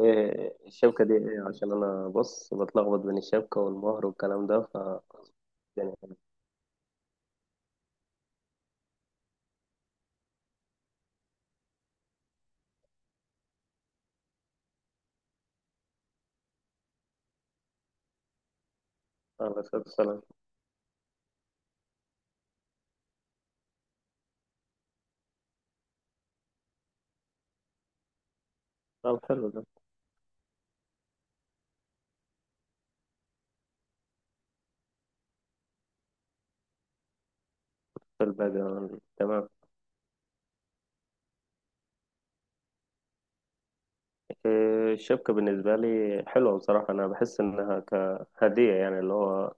إيه الشبكة دي إيه؟ عشان أنا بص بتلخبط بين الشبكة والمهر والكلام ده ف... يعني على أساس السلام. طب، حلو ده. في الباقي؟ تمام. إيه الشبكة بالنسبة لي؟ حلوة بصراحة، أنا بحس إنها كهدية، يعني اللي هو،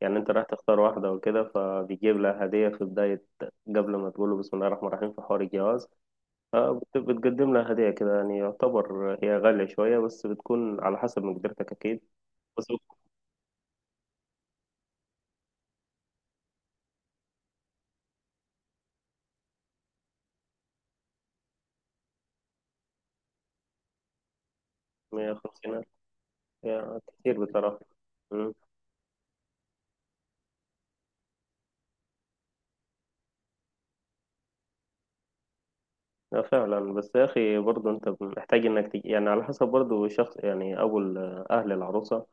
يعني أنت رايح تختار واحدة وكده، فبيجيب لها هدية في بداية، قبل ما تقول له بسم الله الرحمن الرحيم في حوار الجواز. بتقدم لها هدية كده، يعني يعتبر هي غالية شوية، بس بتكون على حسب مقدرتك أكيد، بس 150، يعني كتير بصراحة. مم. لا فعلا، بس يا أخي برضه أنت محتاج إنك يعني على حسب برضه شخص، يعني أهل العروسة.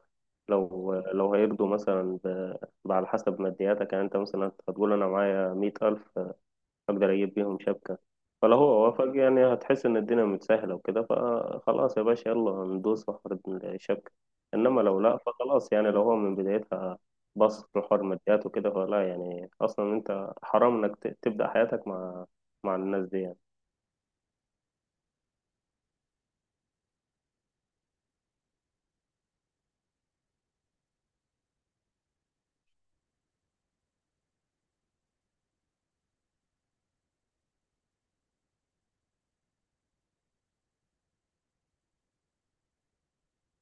لو هيرضوا مثلا على حسب مادياتك، يعني أنت مثلا هتقول أنا معايا 100 ألف، اقدر اجيب بيهم شبكة. فلو هو وافق، يعني هتحس ان الدنيا متسهلة وكده، فخلاص يا باشا، يلا ندوس في حوار الشبكة. انما لو لا، فخلاص، يعني لو هو من بدايتها بص في حوار ماديات وكده، فلا، يعني اصلا انت حرام انك تبدأ حياتك مع الناس دي يعني.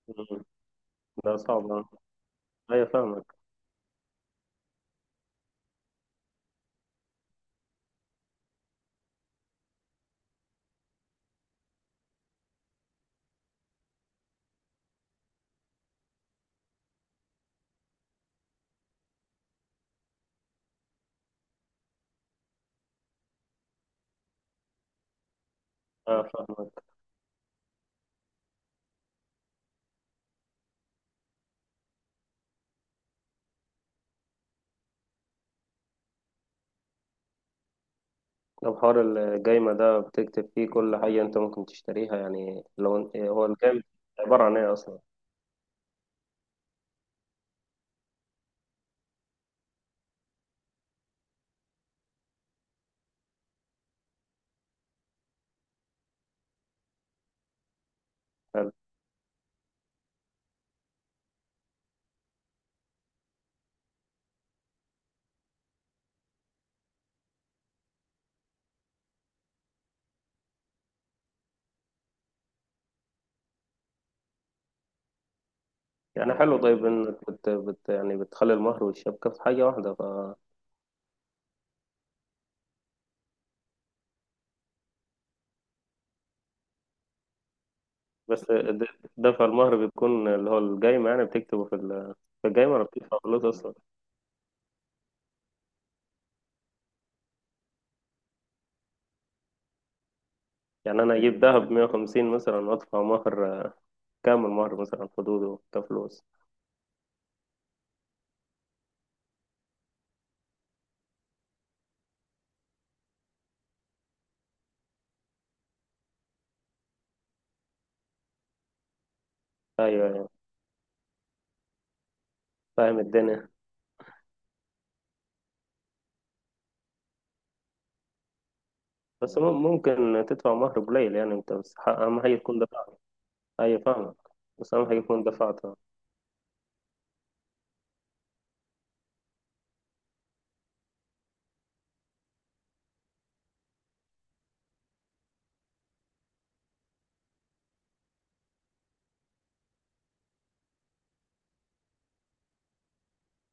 مم. ده صعب، آه. ايوه، فاهمك. اه، فاهمك. طب، حوار الجايمة ده بتكتب فيه كل حاجة انت ممكن تشتريها؟ يعني لو هو الجايمة عبارة عن ايه اصلا؟ يعني اه حلو، طيب انك بت يعني بتخلي المهر والشبكة في حاجة واحدة ف... بس دفع المهر بيكون اللي هو القايمة، يعني بتكتبه في ال... في القايمة، ولا بتدفع فلوس أصلا؟ يعني أنا أجيب دهب 150 مثلا، وأدفع مهر، كامل مهر مثلا حدوده كفلوس. أيوه، أيوه، فاهم الدنيا. بس ممكن تدفع مهر قليل، يعني أنت بس أهم حاجة تكون دفعت. أيوه، فاهمك. بس أهم حاجة تكون دفعتها.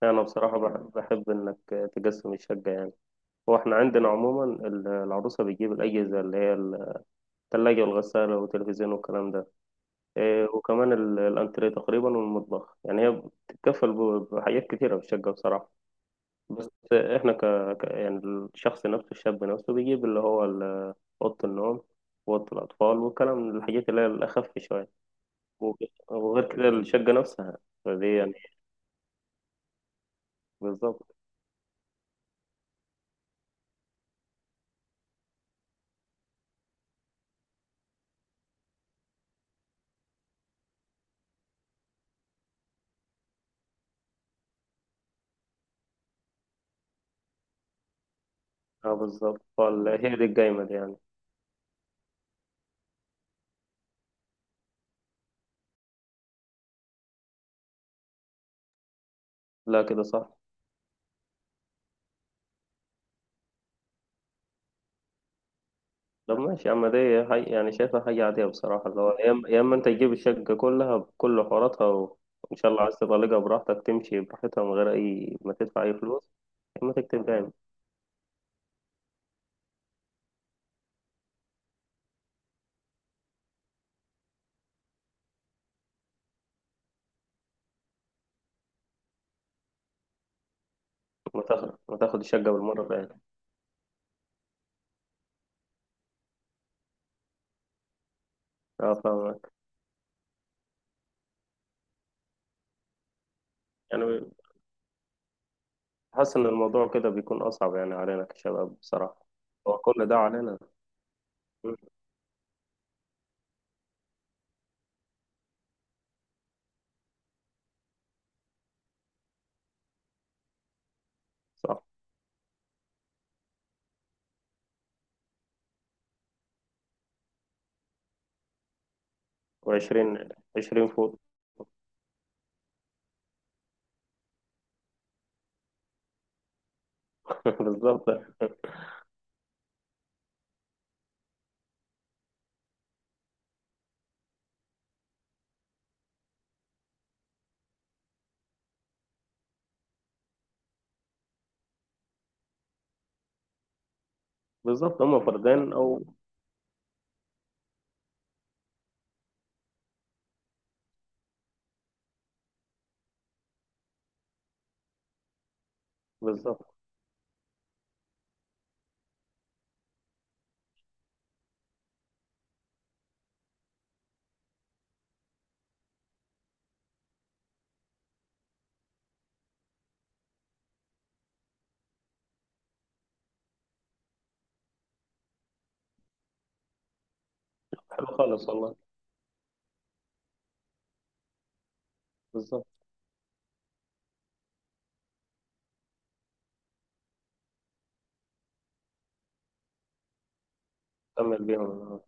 أنا بصراحة بحب إنك تقسم الشقة يعني. هو إحنا عندنا عموما العروسة بتجيب الأجهزة اللي هي الثلاجة والغسالة والتلفزيون والكلام ده. إيه، وكمان الأنتريه تقريبا والمطبخ، يعني هي بتتكفل بحاجات كتيرة في الشقة بصراحة. بس إحنا يعني الشخص نفسه، الشاب نفسه بيجيب اللي هو أوضة النوم، وأوضة الأطفال والكلام، من الحاجات اللي هي الأخف شوية. وغ- وغير كده، الشقة نفسها. فدي يعني، بالظبط. اه بالظبط، هي دي القايمة دي يعني. لا، كده صح. طب ماشي يا عم، دي هي يعني شايفها حاجة عادية بصراحة، اللي هو يا إما أنت تجيب الشقة كلها بكل حواراتها وإن شاء الله عايز تطلقها براحتك، تمشي براحتها من غير أي ما تدفع أي فلوس. يا إما تكتب دايم، وتاخد الشقة بالمرة دايم. أه، فاهمك. يعني حاسس إن الموضوع كده بيكون أصعب، يعني علينا كشباب بصراحة، هو كل ده علينا. مم. صح. وعشرين فوق. بالظبط. بالظبط، هما فردين أو... بالظبط. حلو خالص والله. بالظبط. كمل بيهم.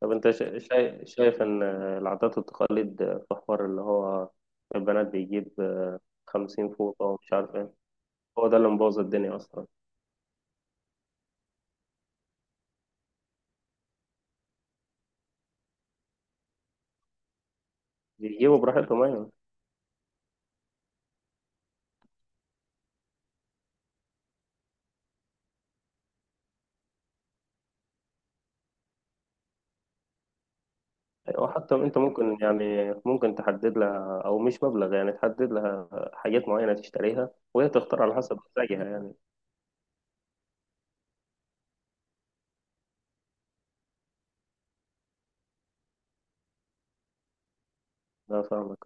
طب انت شايف ان العادات والتقاليد، في حوار اللي هو البنات بيجيب 50 فوطة ومش عارف ايه. هو ده اللي مبوظ الدنيا اصلا. بيجيبوا براحتهم، ايوه. وحتى انت ممكن، يعني ممكن تحدد لها، او مش مبلغ، يعني تحدد لها حاجات معينة تشتريها وهي تختار على حسب مزاجها يعني. ده فاهمك.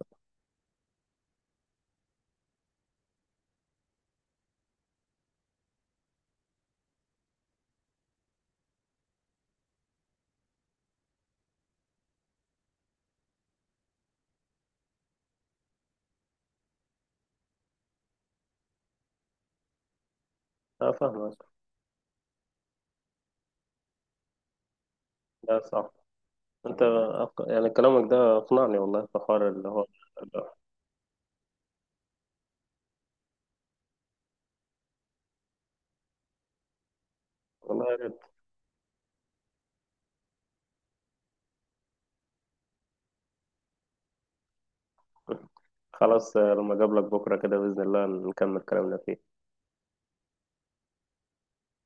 اه، فاهمك. ده صح. انت يعني كلامك ده اقنعني والله، في حوار اللي هو... والله يا ريت. خلاص، لما اقابلك بكرة كده بإذن الله نكمل كلامنا فيه.